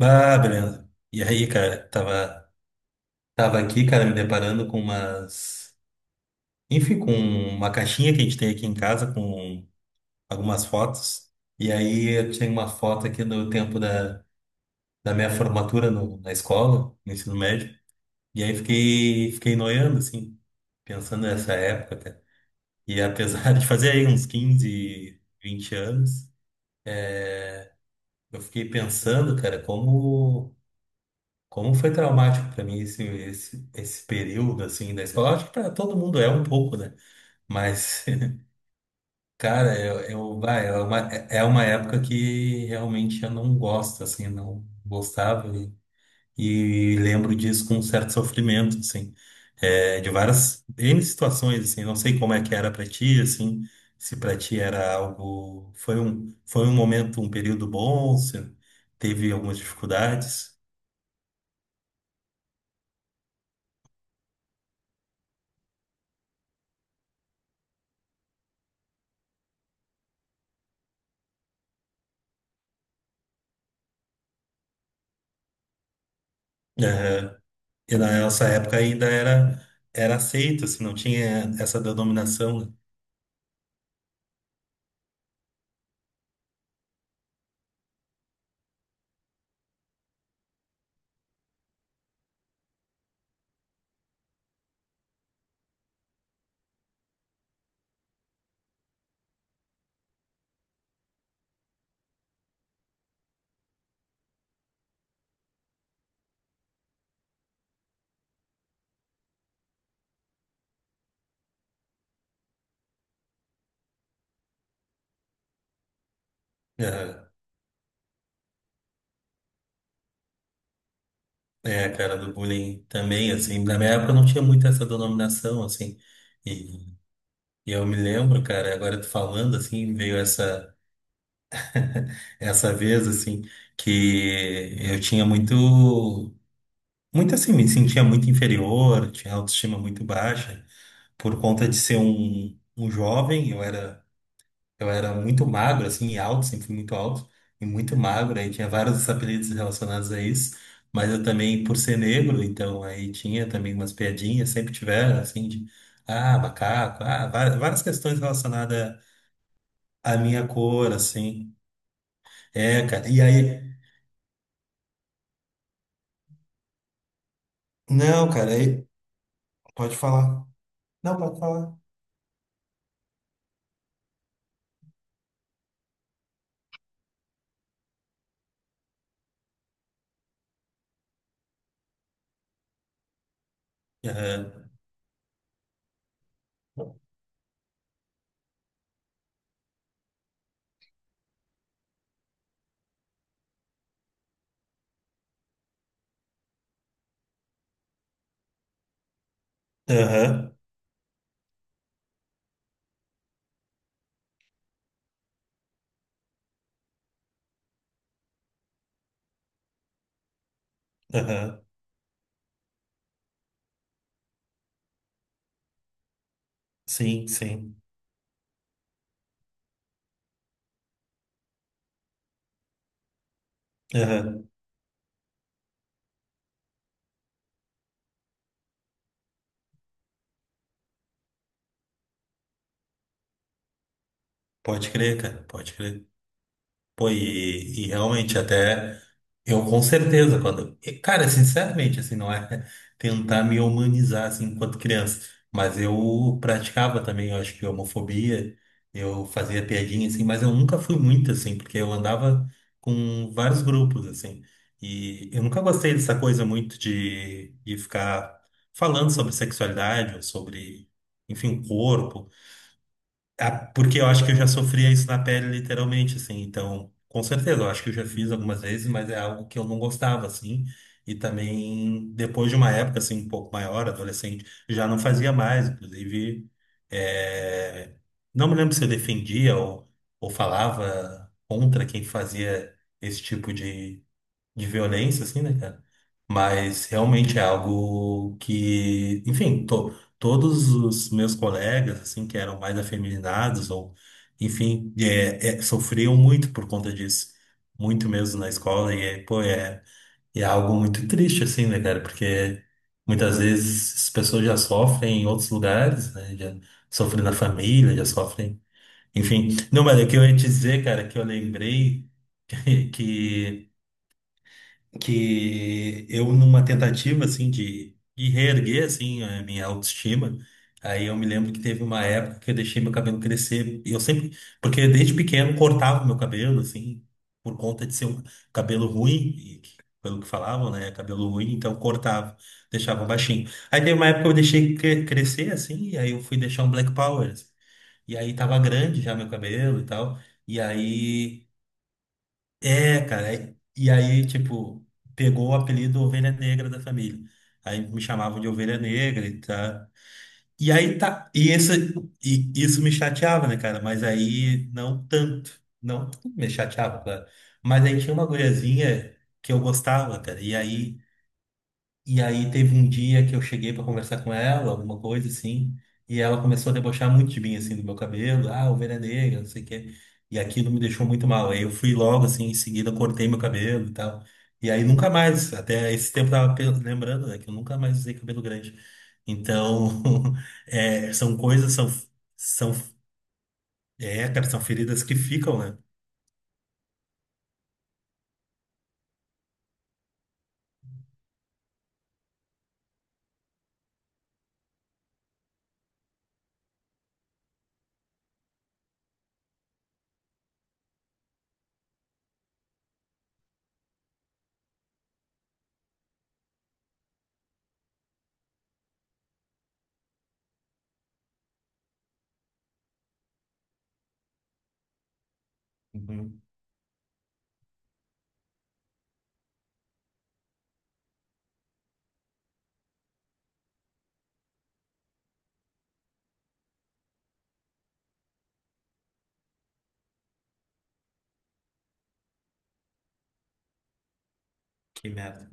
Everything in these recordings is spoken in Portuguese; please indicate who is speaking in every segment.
Speaker 1: Ah, Brenda. E aí, cara, tava aqui, cara, me deparando com umas. Enfim, com uma caixinha que a gente tem aqui em casa com algumas fotos. E aí eu tinha uma foto aqui do tempo da minha formatura na escola, no ensino médio. E aí fiquei noiando, assim, pensando nessa época, cara. E apesar de fazer aí uns 15 20 anos, eu fiquei pensando, cara, Como foi traumático para mim esse período assim da escola? Acho que para todo mundo é um pouco, né? Mas, cara, vai, é uma época que realmente eu não gosto, assim, não gostava e lembro disso com um certo sofrimento, assim, é, de várias N situações, assim, não sei como é que era para ti, assim, se para ti era algo, foi um momento, um período bom, se teve algumas dificuldades. E na nossa época ainda era, era aceito, assim, não tinha essa denominação, né? É, a cara do bullying também, assim. Na minha época não tinha muito essa denominação, assim. E, e eu me lembro, cara, agora tu falando, assim, veio essa vez, assim, que eu tinha muito. Muito assim, me sentia muito inferior, tinha autoestima muito baixa, por conta de ser um jovem, Eu era muito magro, assim, e alto, sempre fui muito alto e muito magro, aí tinha vários apelidos relacionados a isso, mas eu também, por ser negro, então aí tinha também umas piadinhas, sempre tiveram, assim, de, ah, macaco, ah, várias, várias questões relacionadas à minha cor, assim. É, cara, e aí, não, cara, aí, pode falar. Não, pode falar. Aham, aham, aham, sim, sim, aham, pode crer, cara, pode crer. Pô, e realmente até eu com certeza quando, e, cara, sinceramente, assim, não é tentar me humanizar assim enquanto criança, mas eu praticava também, eu acho que homofobia, eu fazia piadinha assim, mas eu nunca fui muito assim, porque eu andava com vários grupos assim. E eu nunca gostei dessa coisa muito de, ficar falando sobre sexualidade ou sobre, enfim, corpo. Ah, porque eu acho que eu já sofria isso na pele, literalmente, assim. Então, com certeza, eu acho que eu já fiz algumas vezes, mas é algo que eu não gostava, assim. E também, depois de uma época, assim, um pouco maior, adolescente, já não fazia mais. Inclusive, é, não me lembro se eu defendia ou falava contra quem fazia esse tipo de, violência, assim, né, cara? Mas realmente é algo que, enfim, todos os meus colegas, assim, que eram mais afeminados, ou, enfim, sofriam muito por conta disso, muito mesmo na escola, e é, pô, é algo muito triste, assim, né, cara? Porque muitas vezes as pessoas já sofrem em outros lugares, né? Já sofrem na família, já sofrem, enfim. Não, mas o que eu ia te dizer, cara, que eu lembrei que que eu numa tentativa assim de, reerguer assim a minha autoestima, aí eu me lembro que teve uma época que eu deixei meu cabelo crescer, e eu sempre, porque desde pequeno cortava meu cabelo assim, por conta de ser um cabelo ruim, e que- pelo que falavam, né, cabelo ruim, então cortava, deixava baixinho. Aí teve uma época que eu deixei crescer assim, e aí eu fui deixar um Black Power, assim. E aí tava grande já meu cabelo e tal. E aí é, cara. E aí, tipo, pegou o apelido Ovelha Negra da família. Aí me chamavam de Ovelha Negra e tá. E aí tá. E, esse, e isso me chateava, né, cara? Mas aí não tanto. Não tanto me chateava, claro. Mas aí tinha uma guriazinha que eu gostava, cara. E aí. E aí teve um dia que eu cheguei pra conversar com ela, alguma coisa assim, e ela começou a debochar muito de mim, assim, do meu cabelo, ah, ovelha negra, não sei o quê. E aquilo me deixou muito mal. Aí eu fui logo, assim, em seguida cortei meu cabelo e tal. E aí nunca mais, até esse tempo eu tava lembrando, né, que eu nunca mais usei cabelo grande. Então, é, são coisas, são, é, cara, são feridas que ficam, né? Uhum, que merda.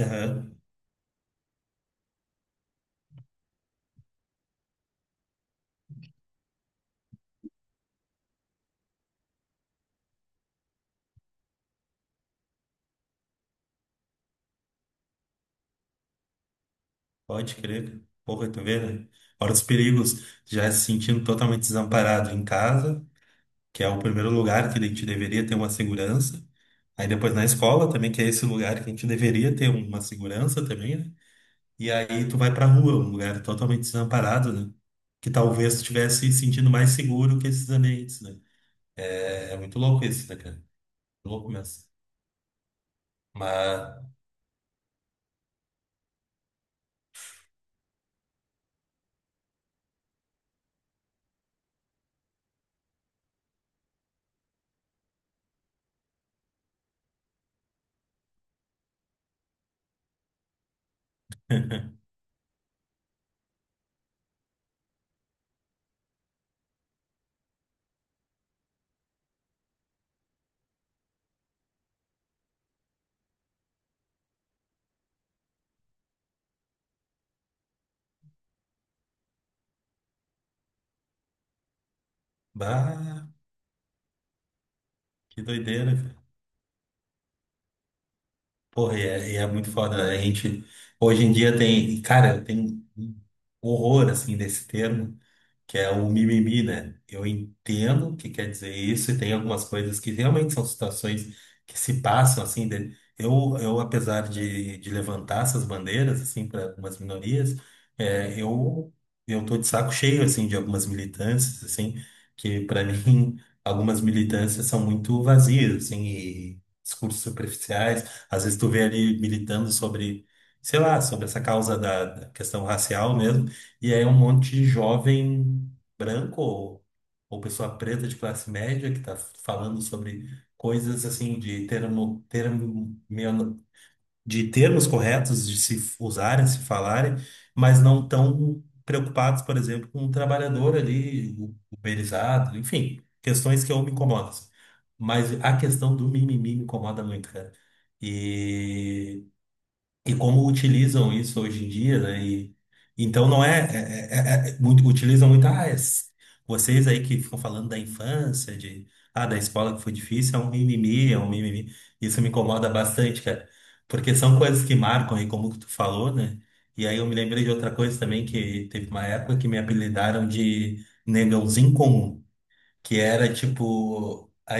Speaker 1: Aham. Pode crer. Porra, tu vê, né? Fora dos perigos, já se sentindo totalmente desamparado em casa, que é o primeiro lugar que a gente deveria ter uma segurança. Aí depois na escola também, que é esse lugar que a gente deveria ter uma segurança também, né? E aí tu vai pra rua, um lugar totalmente desamparado, né? Que talvez tu estivesse se sentindo mais seguro que esses ambientes, né? É, é muito louco isso, né, cara? Louco mesmo. Mas, bah, que doideira. Porra, e é muito foda, né? A gente, hoje em dia tem, cara, tem um horror, assim, desse termo que é o mimimi, né? Eu entendo o que quer dizer isso e tem algumas coisas que realmente são situações que se passam assim. Eu, apesar de, levantar essas bandeiras assim para algumas minorias, é, eu tô de saco cheio assim de algumas militâncias assim que para mim algumas militâncias são muito vazias assim e discursos superficiais. Às vezes tu vê ali militando sobre, sei lá, sobre essa causa da questão racial mesmo e aí um monte de jovem branco ou pessoa preta de classe média que está falando sobre coisas assim de de termos corretos de se usarem, se falarem, mas não tão preocupados, por exemplo, com o trabalhador ali, o uberizado, enfim, questões que eu me incomodo, assim. Mas a questão do mimimi me incomoda muito, cara. E e como utilizam isso hoje em dia, né? E, então não é, utilizam muito, ah, vocês aí que ficam falando da infância, de ah, da escola que foi difícil, é um mimimi, é um mimimi. Isso me incomoda bastante, cara. Porque são coisas que marcam aí, como que tu falou, né? E aí eu me lembrei de outra coisa também, que teve uma época que me apelidaram de negãozinho comum que era tipo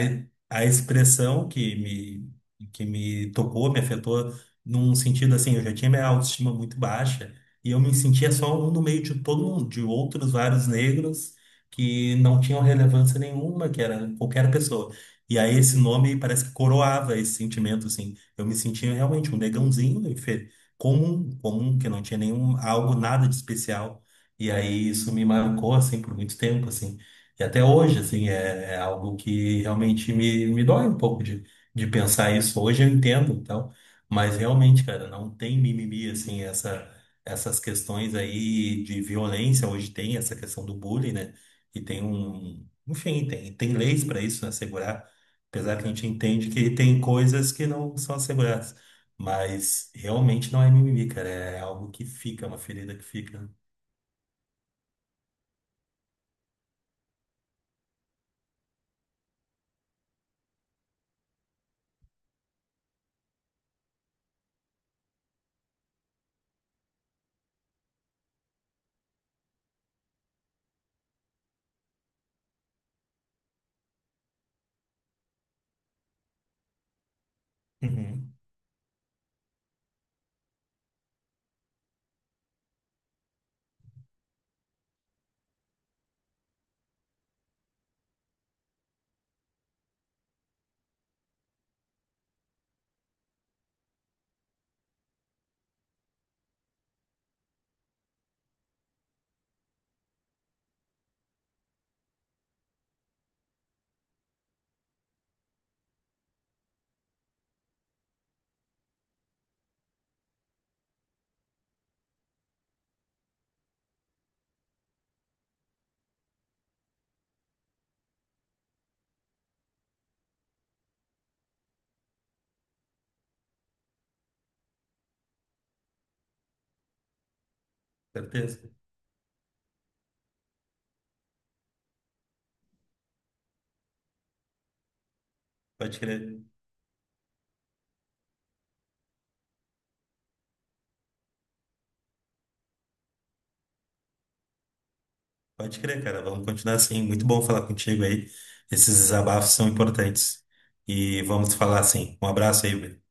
Speaker 1: a expressão que me tocou, me afetou num sentido assim, eu já tinha minha autoestima muito baixa e eu me sentia só um no meio de todo mundo, de outros vários negros que não tinham relevância nenhuma, que era qualquer pessoa. E aí esse nome parece que coroava esse sentimento, assim. Eu me sentia realmente um negãozinho, comum, comum, que não tinha nenhum algo, nada de especial. E aí isso me marcou, assim, por muito tempo, assim. E até hoje, assim, é, é algo que realmente me dói um pouco de, pensar isso. Hoje eu entendo, então, mas realmente, cara, não tem mimimi, assim, essas questões aí de violência. Hoje tem essa questão do bullying, né? E tem um, enfim, tem leis para isso, né? Assegurar, apesar que a gente entende que tem coisas que não são asseguradas. Mas realmente não é mimimi, cara. É algo que fica, uma ferida que fica. Uhum, certeza. Pode crer. Pode crer, cara. Vamos continuar assim. Muito bom falar contigo aí. Esses desabafos são importantes. E vamos falar assim. Um abraço aí, Bruno.